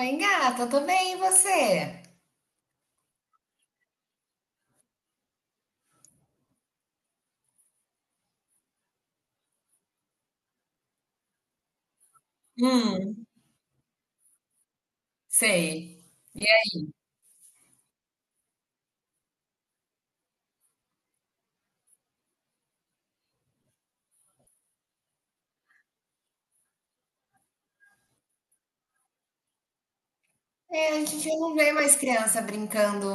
Oi, gata, tô bem, e você? Hum, sei. E É, a gente não vê mais criança brincando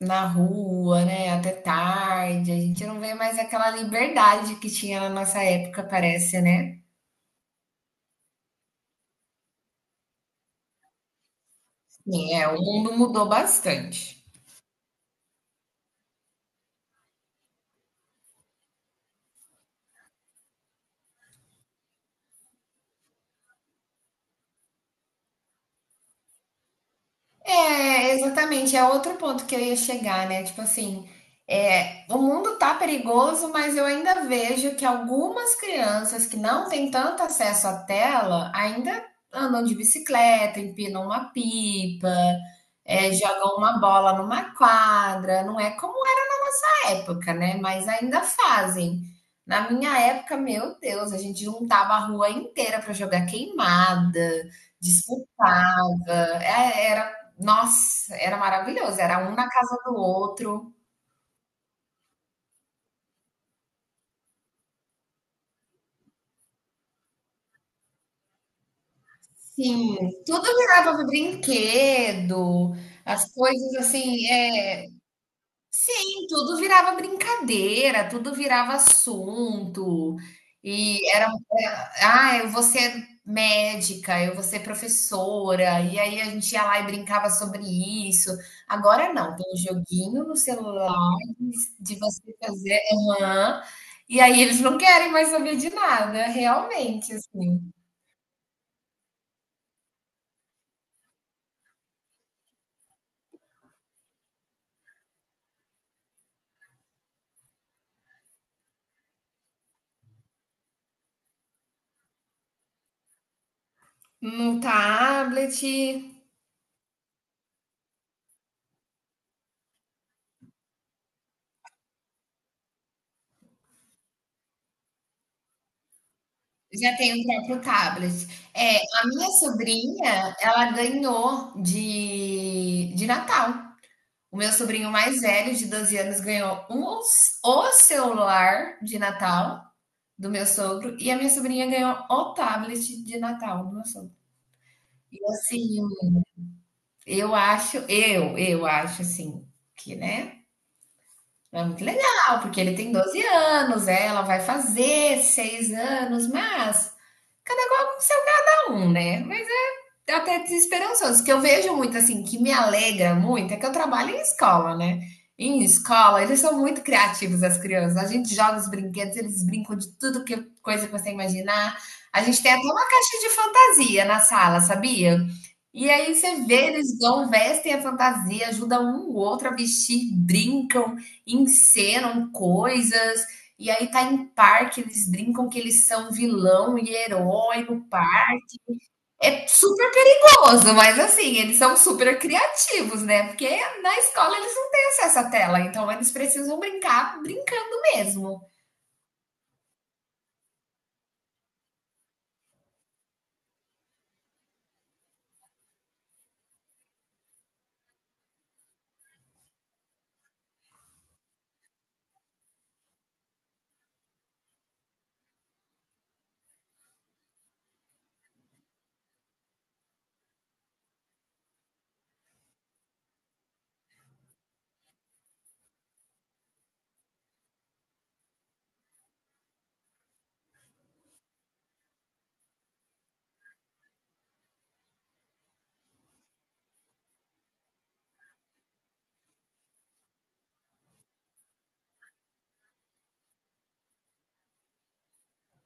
na rua, né? Até tarde. A gente não vê mais aquela liberdade que tinha na nossa época, parece, né? Sim, é, o mundo mudou bastante. É, exatamente. É outro ponto que eu ia chegar, né? Tipo assim, é, o mundo tá perigoso, mas eu ainda vejo que algumas crianças que não têm tanto acesso à tela ainda andam de bicicleta, empinam uma pipa, é, jogam uma bola numa quadra. Não é como era na nossa época, né? Mas ainda fazem. Na minha época, meu Deus, a gente juntava a rua inteira para jogar queimada, disputava. É, era nossa, era maravilhoso, era um na casa do outro. Sim, tudo virava brinquedo, as coisas assim, é sim, tudo virava brincadeira, tudo virava assunto, e era Ah, eu vou ser médica, eu vou ser professora, e aí a gente ia lá e brincava sobre isso. Agora não, tem um joguinho no celular de você fazer aham. E aí eles não querem mais saber de nada, realmente, assim. No tablet, já tem o próprio tablet. É, a minha sobrinha, ela ganhou de Natal. O meu sobrinho mais velho, de 12 anos, ganhou um, o celular de Natal do meu sogro e a minha sobrinha ganhou o tablet de Natal do meu sogro. E assim, eu acho assim, que, né? É muito legal, porque ele tem 12 anos, é, ela vai fazer 6 anos, mas cada qual com seu cada um, né? Mas até desesperançoso, que eu vejo muito assim, que me alegra muito, é que eu trabalho em escola, né? Em escola, eles são muito criativos, as crianças. A gente joga os brinquedos, eles brincam de tudo que coisa que você imaginar. A gente tem até uma caixa de fantasia na sala, sabia? E aí você vê, eles vão, vestem a fantasia, ajudam um o outro a vestir, brincam, encenam coisas. E aí tá em parque, eles brincam que eles são vilão e herói no parque. É super perigoso, mas assim, eles são super criativos, né? Porque na escola eles não têm acesso à tela, então eles precisam brincar brincando mesmo.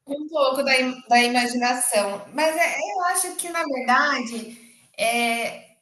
Um pouco da imaginação. Mas é- eu acho que, na verdade, é,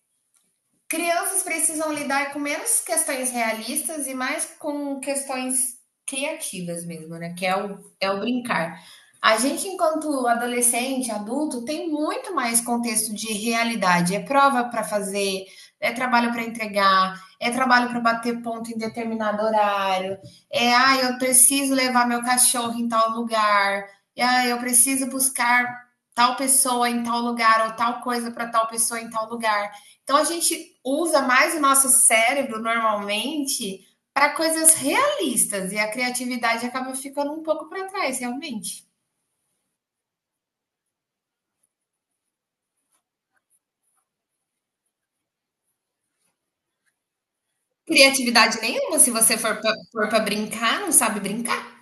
crianças precisam lidar com menos questões realistas e mais com questões criativas mesmo, né? Que é o brincar. A gente, enquanto adolescente, adulto, tem muito mais contexto de realidade. É prova para fazer, é trabalho para entregar, é trabalho para bater ponto em determinado horário, é, ah, eu preciso levar meu cachorro em tal lugar, é, ah, eu preciso buscar tal pessoa em tal lugar ou tal coisa para tal pessoa em tal lugar. Então, a gente usa mais o nosso cérebro normalmente para coisas realistas e a criatividade acaba ficando um pouco para trás, realmente. Criatividade nenhuma, se você for para brincar, não sabe brincar.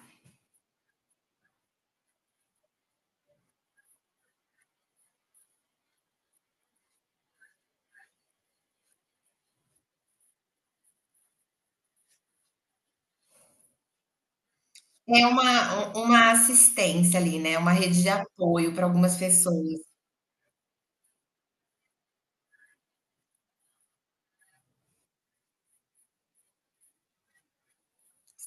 É uma assistência ali, né? Uma rede de apoio para algumas pessoas.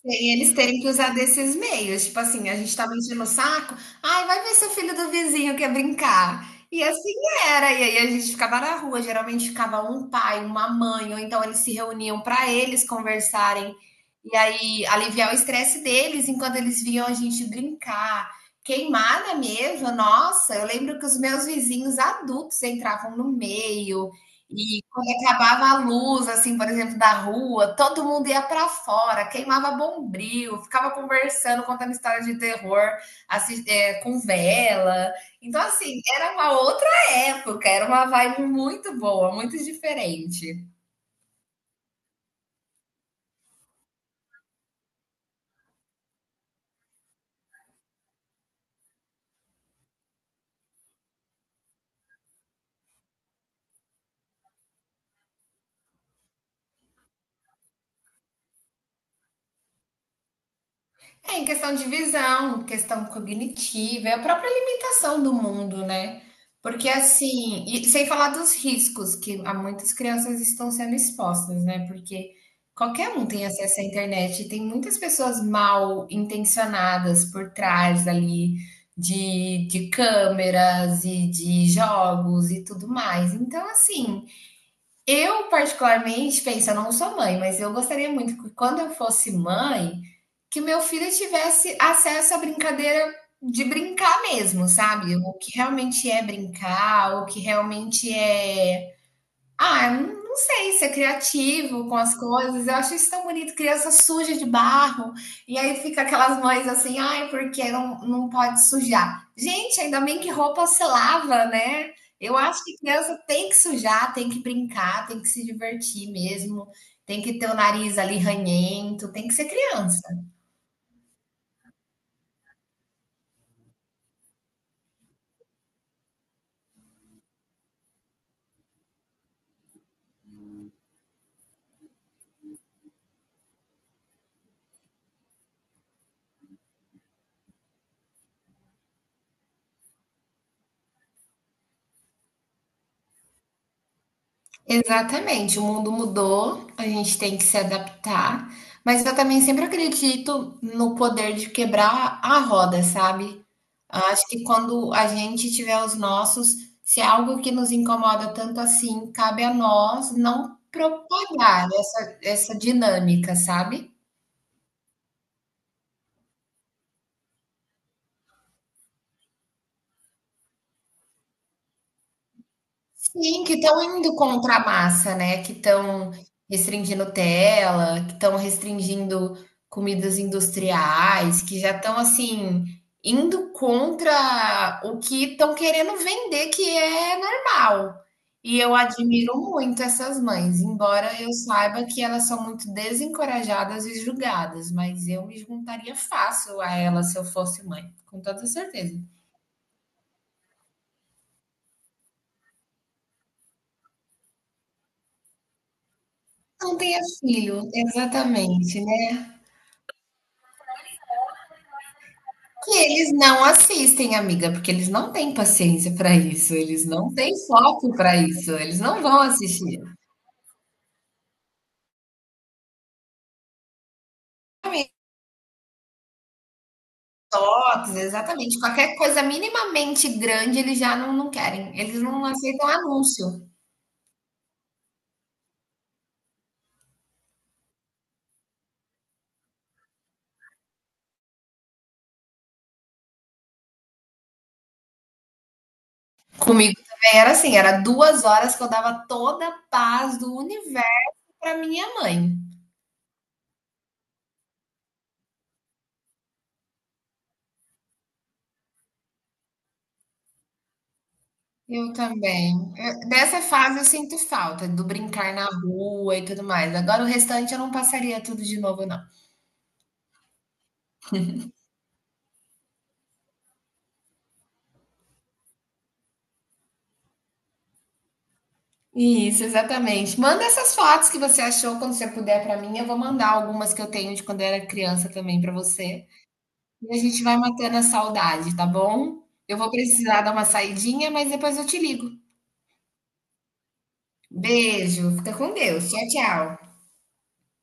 E eles terem que usar desses meios. Tipo assim, a gente tava enchendo o saco. Ai, vai ver seu filho do vizinho quer brincar. E assim era. E aí a gente ficava na rua. Geralmente ficava um pai, uma mãe, ou então eles se reuniam para eles conversarem. E aí aliviar o estresse deles enquanto eles viam a gente brincar. Queimada mesmo, nossa, eu lembro que os meus vizinhos adultos entravam no meio, e quando acabava a luz, assim, por exemplo, da rua, todo mundo ia para fora, queimava bombril, ficava conversando, contando história de terror, assim, com vela. Então, assim, era uma outra época, era uma vibe muito boa, muito diferente. É em questão de visão, questão cognitiva, é a própria limitação do mundo, né? Porque assim, e sem falar dos riscos que há muitas crianças estão sendo expostas, né? Porque qualquer um tem acesso à internet, e tem muitas pessoas mal intencionadas por trás ali de câmeras e de jogos e tudo mais. Então, assim. Eu, particularmente, penso, eu não sou mãe, mas eu gostaria muito que quando eu fosse mãe, que meu filho tivesse acesso à brincadeira de brincar mesmo, sabe? O que realmente é brincar, o que realmente é ah, não sei, ser criativo com as coisas. Eu acho isso tão bonito, criança suja de barro. E aí fica aquelas mães assim, ai, porque não, não pode sujar. Gente, ainda bem que roupa se lava, né? Eu acho que criança tem que sujar, tem que brincar, tem que se divertir mesmo, tem que ter o nariz ali ranhento, tem que ser criança. Exatamente, o mundo mudou, a gente tem que se adaptar, mas eu também sempre acredito no poder de quebrar a roda, sabe? Acho que quando a gente tiver os nossos, se é algo que nos incomoda tanto assim, cabe a nós não propagar essa dinâmica, sabe? Sim, que estão indo contra a massa, né, que estão restringindo tela, que estão restringindo comidas industriais, que já estão, assim, indo contra o que estão querendo vender, que é normal. E eu admiro muito essas mães, embora eu saiba que elas são muito desencorajadas e julgadas, mas eu me juntaria fácil a elas se eu fosse mãe, com toda certeza. Não tenha filho, exatamente, né. E eles não assistem, amiga, porque eles não têm paciência para isso, eles não têm foco para isso, eles não vão assistir. Exatamente, toques, exatamente, qualquer coisa minimamente grande eles já não, não querem, eles não aceitam anúncio. Comigo também era assim, era 2 horas que eu dava toda a paz do universo para minha mãe. Eu também. Eu- dessa fase eu sinto falta, do brincar na rua e tudo mais. Agora o restante eu não passaria tudo de novo, não. Isso, exatamente. Manda essas fotos que você achou quando você puder para mim. Eu vou mandar algumas que eu tenho de quando eu era criança também para você. E a gente vai matando a saudade, tá bom? Eu vou precisar dar uma saidinha, mas depois eu te ligo. Beijo, fica com Deus. Tchau, tchau.